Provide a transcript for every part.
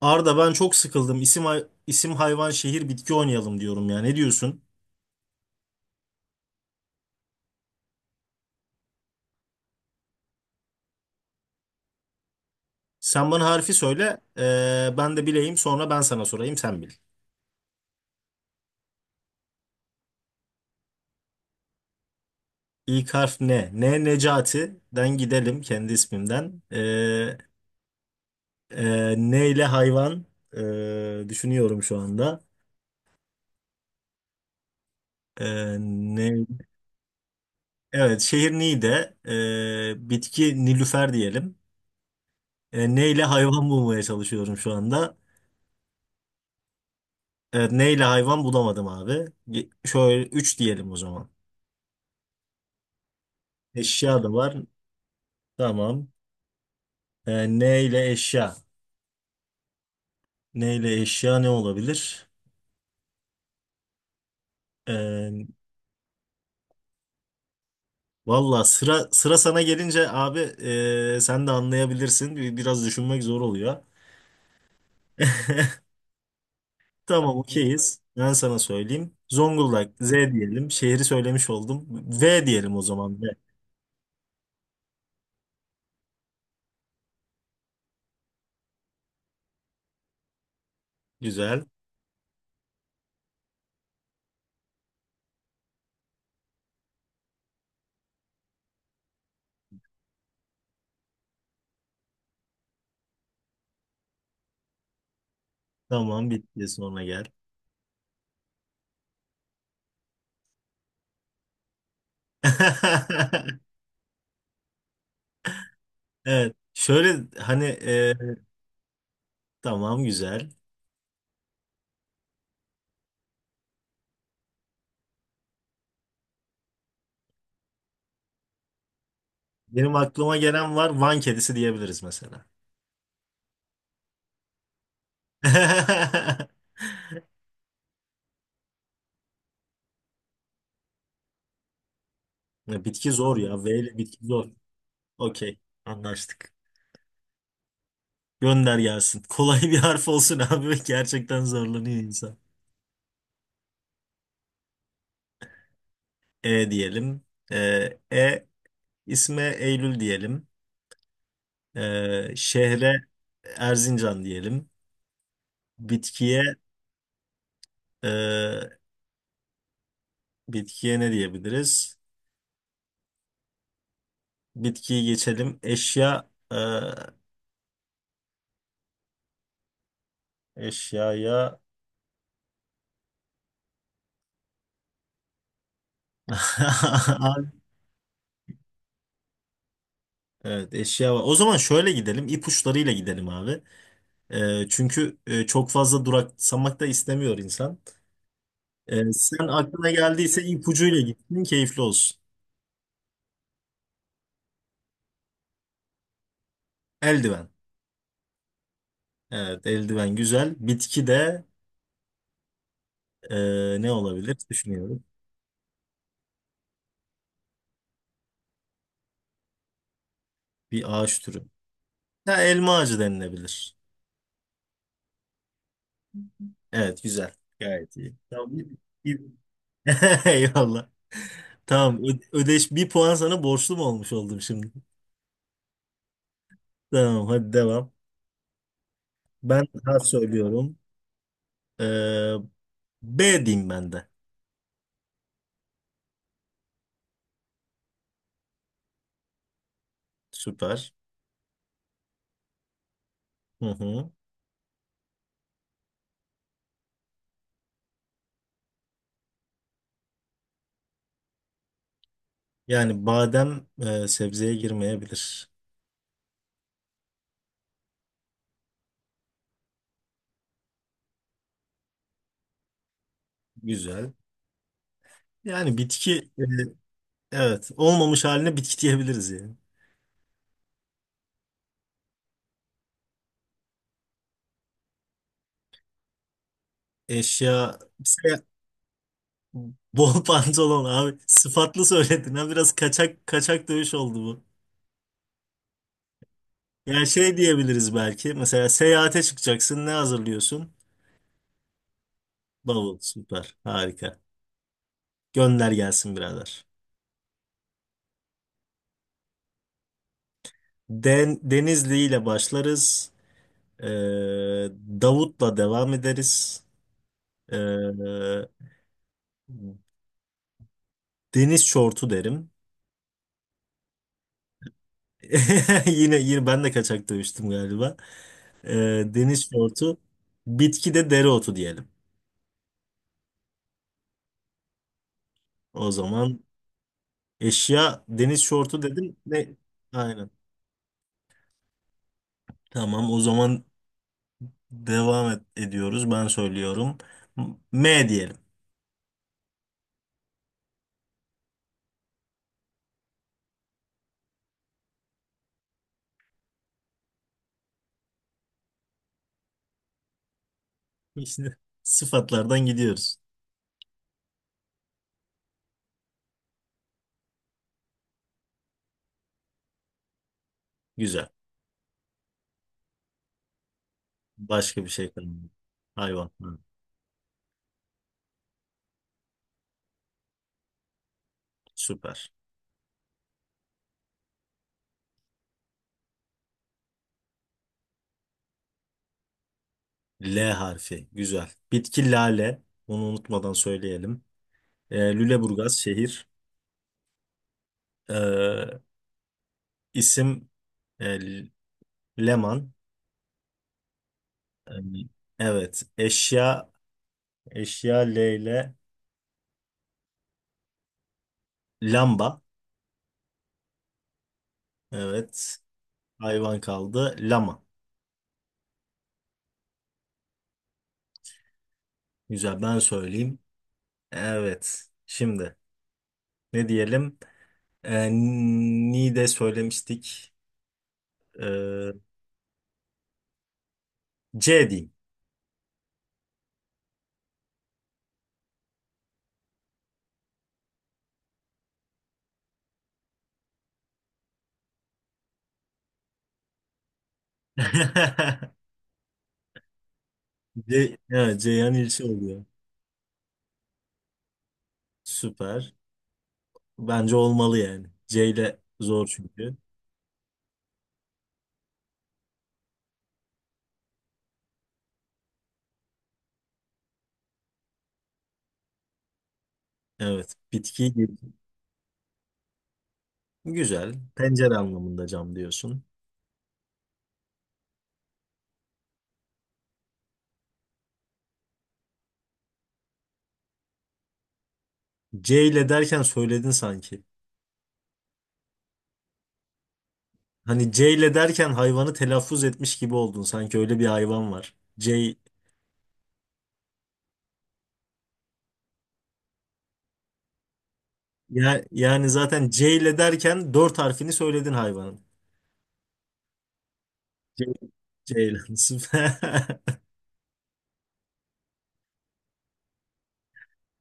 Arda ben çok sıkıldım. İsim, isim hayvan şehir bitki oynayalım diyorum ya. Ne diyorsun? Sen bana harfi söyle. Ben de bileyim. Sonra ben sana sorayım. Sen bil. İlk harf ne? Ne Necati'den gidelim kendi ismimden. Ne ile hayvan? Düşünüyorum şu anda. Ne? Evet, şehir Niğde. Bitki Nilüfer diyelim. Ne ile hayvan bulmaya çalışıyorum şu anda. Evet, neyle hayvan bulamadım abi. Şöyle 3 diyelim o zaman. Eşya da var. Tamam. Ne ile eşya? Ne ile eşya ne olabilir? Ee, Valla sıra sıra sana gelince abi sen de anlayabilirsin. Biraz düşünmek zor oluyor. Tamam, okeyiz. Ben sana söyleyeyim. Zonguldak, Z diyelim. Şehri söylemiş oldum. V diyelim o zaman. V. Güzel. Tamam, bitti sonra gel. Evet. Şöyle hani, tamam güzel. Benim aklıma gelen var, Van kedisi diyebiliriz mesela. Ya bitki zor ya. V ile bitki zor. Okey. Anlaştık. Gönder gelsin. Kolay bir harf olsun abi. Gerçekten zorlanıyor insan. E diyelim. E, e, isme Eylül diyelim. E, şehre Erzincan diyelim. Bitkiye e, bitkiye ne diyebiliriz? Bitkiyi geçelim. Eşya, eşyaya evet eşya var. O zaman şöyle gidelim. İpuçlarıyla gidelim abi. E, çünkü çok fazla duraksamak da istemiyor insan. E, sen aklına geldiyse ipucuyla gitsin, keyifli olsun. Eldiven. Evet, eldiven güzel. Bitki de ne olabilir düşünüyorum. Bir ağaç türü. Ha, elma ağacı denilebilir. Evet, güzel. Gayet iyi. Tamam. Bir- Eyvallah. Tamam, ödeş bir puan sana borçlu mu olmuş oldum şimdi? Tamam, hadi devam. Ben harf söylüyorum. E, B diyeyim ben de. Süper. Hı hı. Yani badem sebzeye girmeyebilir. Güzel. Yani bitki, evet, olmamış haline bitki diyebiliriz yani. Eşya, şey, bol pantolon abi sıfatlı söyledin ha, biraz kaçak kaçak dövüş oldu bu. Yani şey diyebiliriz, belki mesela seyahate çıkacaksın, ne hazırlıyorsun? Bavul süper, harika. Gönder gelsin birader. Den, Denizli ile başlarız. Ee, Davut'la devam ederiz. Ee, Deniz şortu derim. Yine yine ben de kaçak dövüştüm galiba. Deniz şortu, bitki de dereotu diyelim. O zaman eşya deniz şortu dedim. Ne? Aynen. Tamam o zaman devam et, ediyoruz. Ben söylüyorum. M M diyelim. İşte sıfatlardan gidiyoruz. Güzel. Başka bir şey kalmadı. Hayvan. Hı, süper. L harfi. Güzel. Bitki lale. Bunu unutmadan söyleyelim. Lüleburgaz şehir. Ee, isim e, Leman. Ee, evet. Eşya L ile lamba. Evet. Hayvan kaldı. Lama. Güzel, ben söyleyeyim. Evet. Şimdi ne diyelim? Ee, Ni de söylemiştik. Ee, C diyeyim. C, evet, Ceyhan ilçe oluyor. Süper. Bence olmalı yani. C ile zor çünkü. Evet. Bitki güzel. Pencere anlamında cam diyorsun. C ile derken söyledin sanki. Hani C ile derken hayvanı telaffuz etmiş gibi oldun. Sanki öyle bir hayvan var. C ya, yani zaten C ile derken dört harfini söyledin hayvanın. C, Ceylan. Süper.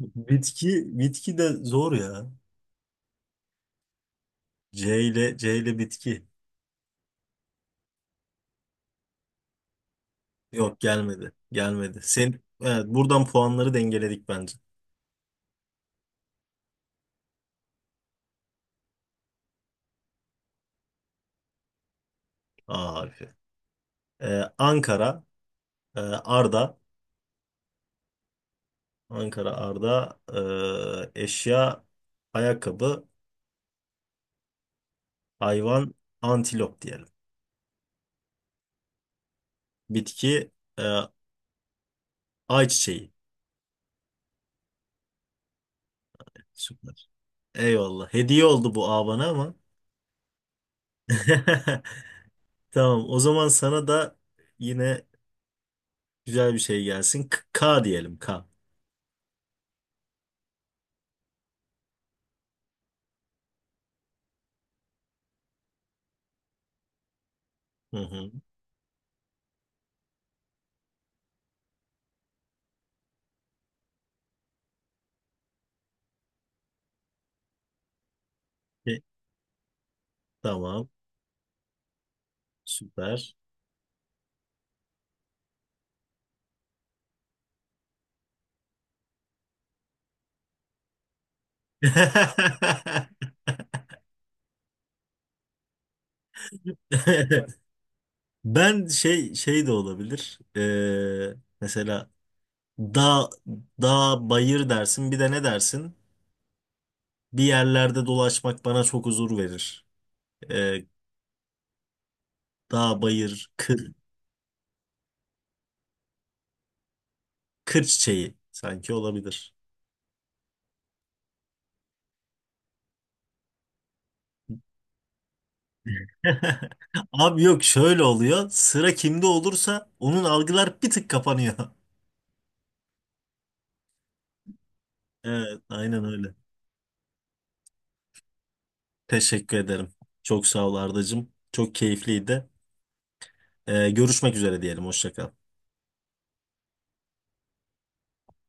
Bitki, bitki de zor ya. C ile bitki. Yok, gelmedi. Gelmedi. Sen evet, buradan puanları dengeledik bence. A harfi. Ankara, Arda. Ankara Arda, eşya ayakkabı, hayvan antilop diyelim. Bitki e, ayçiçeği. Süper. Eyvallah. Hediye oldu bu A bana ama. Tamam. O zaman sana da yine güzel bir şey gelsin. K diyelim, K. Hı hı. E, tamam. Süper. Ben şey, şey de olabilir. E, mesela dağ dağ bayır dersin. Bir de ne dersin? Bir yerlerde dolaşmak bana çok huzur verir. Ee, Dağ, bayır, kır, kır çiçeği sanki olabilir. Abi yok, şöyle oluyor. Sıra kimde olursa onun algılar bir tık kapanıyor. Evet, aynen öyle. Teşekkür ederim. Çok sağ ol Ardacığım. Çok keyifliydi. Görüşmek üzere diyelim. Hoşça kal.